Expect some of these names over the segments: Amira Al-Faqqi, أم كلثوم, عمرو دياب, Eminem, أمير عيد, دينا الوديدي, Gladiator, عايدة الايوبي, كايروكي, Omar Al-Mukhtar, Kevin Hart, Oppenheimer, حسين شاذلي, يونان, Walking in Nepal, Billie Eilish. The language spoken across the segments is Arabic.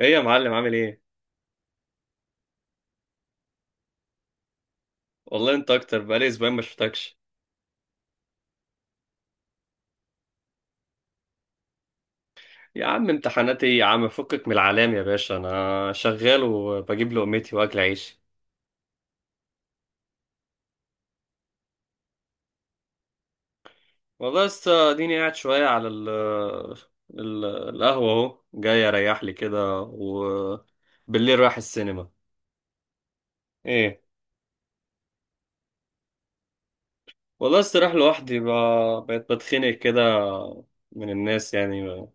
ايه يا معلم؟ عامل ايه؟ والله انت اكتر، بقالي اسبوعين ما شفتكش. يا عم امتحاناتي ايه يا عم، فكك من العلام يا باشا، انا شغال وبجيب لقمتي واكل عيشي. والله لسه اديني قاعد شويه على القهوه، اهو جاي اريح لي كده وبالليل رايح السينما. ايه. والله لسه رايح لوحدي، بقيت بتخنق كده من الناس يعني،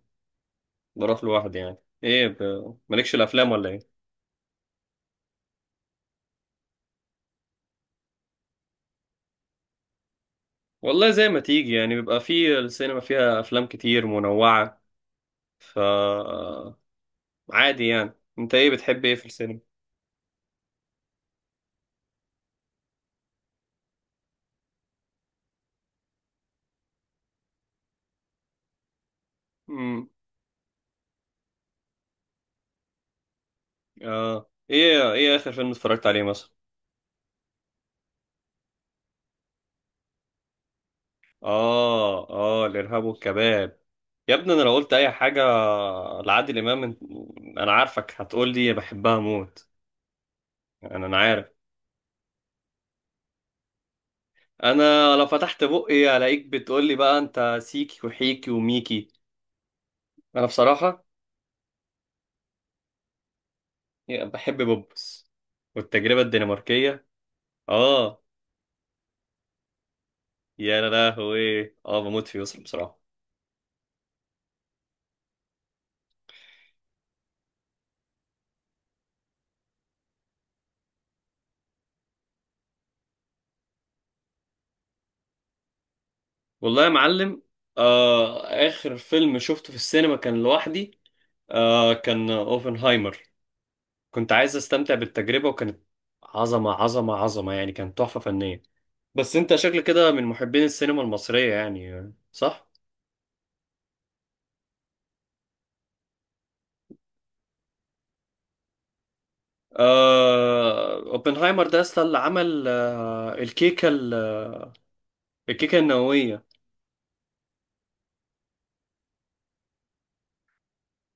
بروح لوحدي يعني. ايه، مالكش الافلام ولا ايه؟ والله زي ما تيجي يعني، بيبقى في السينما فيها افلام كتير منوعة، ف عادي يعني. انت ايه بتحب ايه في السينما؟ امم. اه، ايه اخر فيلم اتفرجت عليه مثلا؟ اه اه، الارهاب والكباب. يا ابني، انا لو قلت اي حاجه لعادل امام، انا عارفك هتقول لي بحبها موت. انا عارف، انا لو فتحت بقي الاقيك بتقول لي بقى انت سيكي وحيكي وميكي. انا بصراحه بحب بوبس والتجربه الدنماركيه. اه، يا لهوي اه، بموت فيه يسرا بصراحه. والله يا معلم، آخر فيلم شفته في السينما كان لوحدي. كان أوبنهايمر، كنت عايز أستمتع بالتجربة، وكانت عظمة عظمة عظمة يعني، كانت تحفة فنية. بس أنت شكل كده من محبين السينما المصرية يعني، صح؟ أوبنهايمر ده أصلا اللي عمل الكيكة النووية.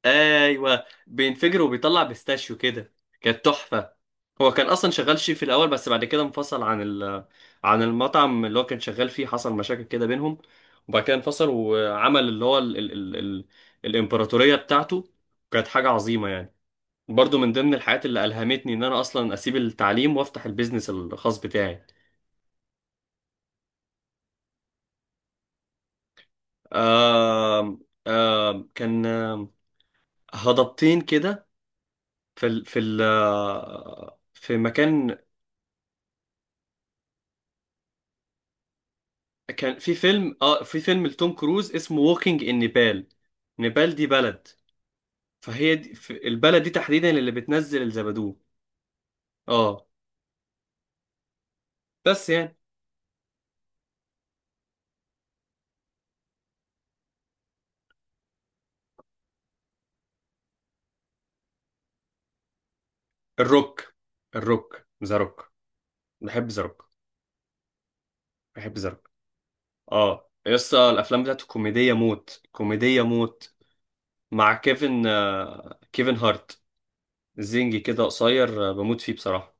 ايوه، بينفجر وبيطلع بيستاشيو كده، كانت تحفه. هو كان اصلا شغال شيف في الاول، بس بعد كده انفصل عن عن المطعم اللي هو كان شغال فيه، حصل مشاكل كده بينهم، وبعد كده انفصل وعمل اللي هو الامبراطوريه بتاعته، كانت حاجه عظيمه يعني. برضو من ضمن الحاجات اللي الهمتني ان انا اصلا اسيب التعليم وافتح البيزنس الخاص بتاعي. كان هضبتين كده في ال... في ال... في مكان. كان في فيلم لتوم كروز اسمه ووكينج ان نيبال، نيبال دي بلد، فهي دي، في البلد دي تحديدا اللي بتنزل الزبدو. اه. بس يعني الروك الروك، ذا روك، بحب ذا روك، بحب ذا روك. اه يسطا، الافلام بتاعته كوميديه موت، كوميديه موت، مع كيفن هارت، زنجي كده قصير، بموت فيه بصراحه.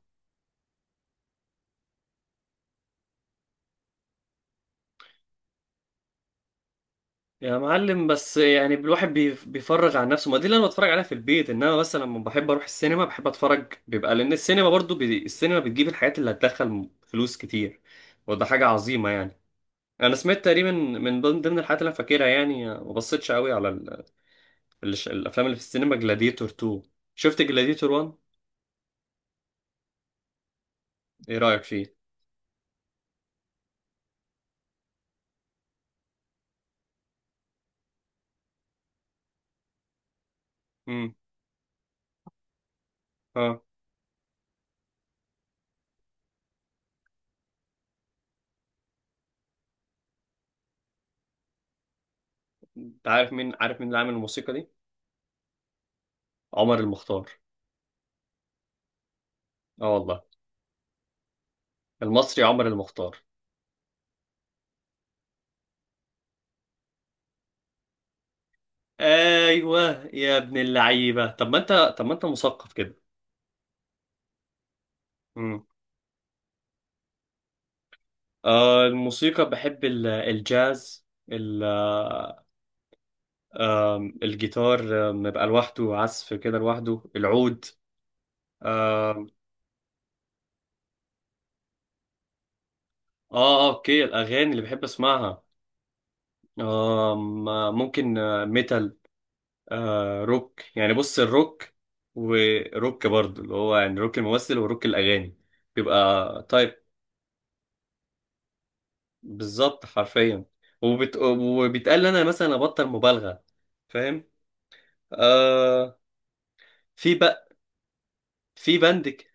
يا معلم بس يعني الواحد بيفرغ عن نفسه، ما دي اللي انا بتفرج عليها في البيت، انما بس لما بحب اروح السينما بحب اتفرج، بيبقى لان السينما برضو السينما بتجيب الحاجات اللي هتدخل فلوس كتير، وده حاجة عظيمة يعني. انا سمعت تقريبا من ضمن الحاجات اللي انا فاكرها يعني، ما بصيتش قوي على الافلام اللي في السينما، جلاديتور 2. شفت جلاديتور 1؟ ايه رأيك فيه؟ امم. اه، انت عارف مين اللي عامل الموسيقى دي؟ عمر المختار. اه والله، المصري عمر المختار. ايوه يا ابن اللعيبه، طب ما انت مثقف كده. امم. آه الموسيقى، بحب الجاز، ال آه الجيتار، يبقى لوحده، عزف كده لوحده، العود. آم، اه آه، اوكي، الاغاني اللي بحب اسمعها، آم، آه، ممكن ميتال، روك يعني، بص الروك وروك برضه، اللي هو يعني روك الممثل وروك الاغاني، بيبقى بالظبط حرفيا، وبيتقال انا مثلا ابطل مبالغه، فاهم؟ آه في بقى، في بندك.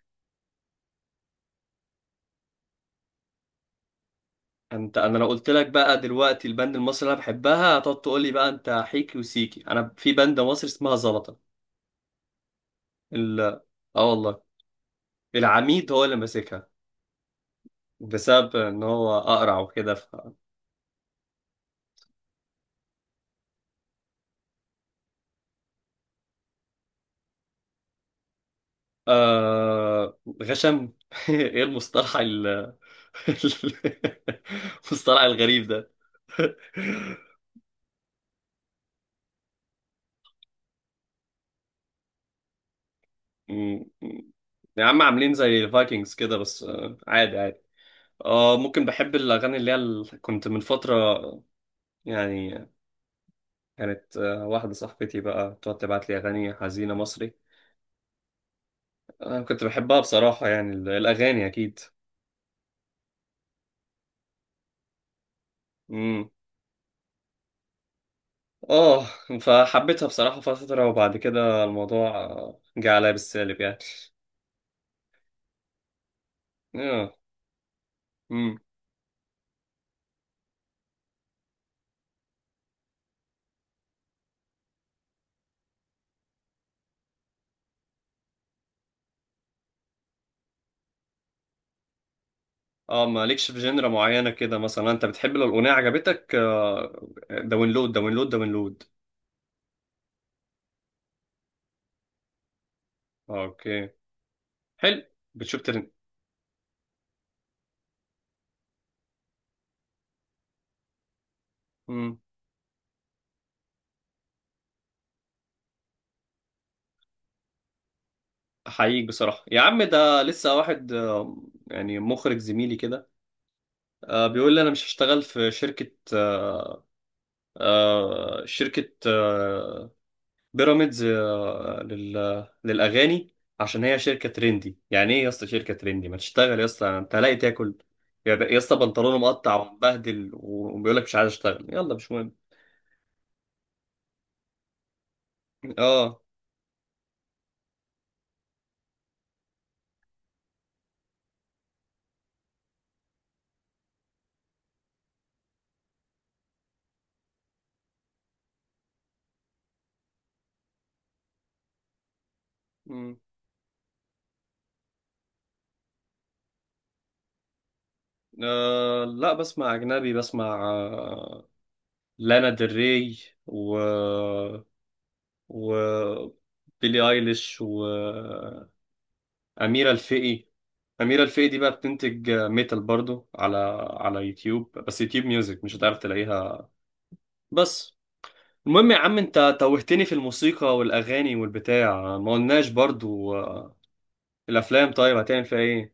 انت انا لو قلت لك بقى دلوقتي البند المصري اللي انا بحبها، هتقعد تقول لي بقى انت حيكي وسيكي، انا في بند مصري اسمها زلطه. ال... اه والله، العميد هو اللي ماسكها، بسبب ان هو اقرع وكده. غشم ايه المصطلح المصطلح الغريب ده. مم. مم. يا عم، عاملين زي الفايكنجز كده بس، عادي عادي. اه ممكن، بحب الاغاني اللي هي كنت من فتره يعني، كانت واحده صاحبتي بقى تقعد تبعت لي اغاني حزينه مصري، انا كنت بحبها بصراحه يعني، الاغاني اكيد. امم. اه. فحبيتها بصراحه فتره، وبعد كده الموضوع جه عليا بالسالب يعني. اه. امم. اه، مالكش في جنرا معينه كده مثلا؟ انت بتحب لو الاغنيه عجبتك، داونلود داونلود داونلود. اوكي، حلو. بتشوف ترند. امم. احييك بصراحه يا عم، ده لسه واحد يعني مخرج زميلي كده، بيقول لي انا مش هشتغل في شركه بيراميدز للاغاني، عشان هي شركه ترندي. يعني ايه يا اسطى شركه ترندي؟ ما تشتغل يا اسطى، انت لاقي تاكل. يا اسطى، بنطلونه مقطع ومبهدل وبيقول لك مش عايز اشتغل، يلا مش مهم. اه. مم. لا، بسمع أجنبي، بسمع لانا ديل ري، و و بيلي ايليش، واميره الفقي. اميره الفقي دي بقى بتنتج ميتال برضو، على يوتيوب، بس يوتيوب ميوزك مش هتعرف تلاقيها. بس المهم يا عم، انت توهتني في الموسيقى والاغاني والبتاع، ما قلناش برضو الافلام، طيب هتعمل فيها ايه؟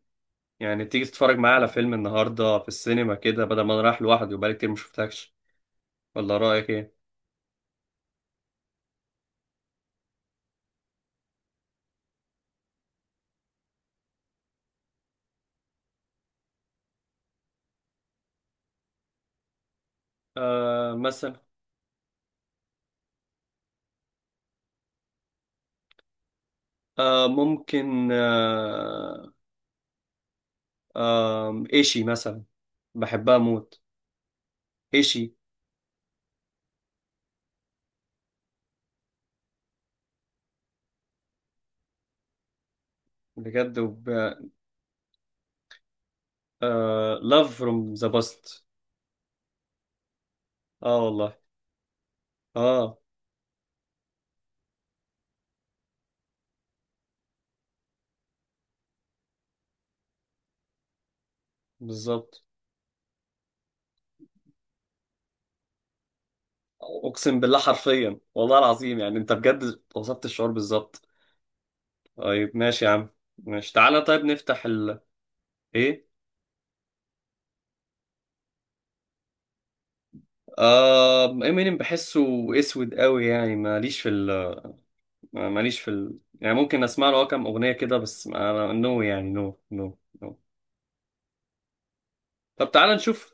يعني تيجي تتفرج معايا على فيلم النهارده في السينما كده، بدل ما انا رايح لوحدي وبقالي كتير ما شفتكش، ولا رايك ايه؟ مثلا ممكن ايشي مثلا، بحبها موت ايشي. بجد، love from the past. اه والله. اه، بالظبط. اقسم بالله، حرفيا، والله العظيم يعني انت بجد وصفت الشعور بالظبط. طيب ماشي يا عم. ماشي، تعالى طيب نفتح ال، ايه؟ امينيم، بحسه اسود قوي يعني، ماليش في ال، يعني ممكن اسمع له كام اغنيه كده، بس انا نو يعني، نو نو نو. طب تعالى نشوف.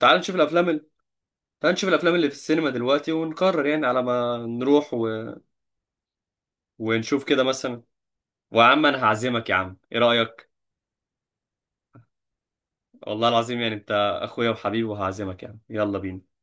تعال نشوف الافلام تعال نشوف الافلام اللي في السينما دلوقتي، ونقرر يعني على ما نروح. ونشوف كده مثلا. ويا عم انا هعزمك يا عم، ايه رايك؟ والله العظيم، يعني انت اخويا وحبيبي، وهعزمك يا عم، يلا بينا.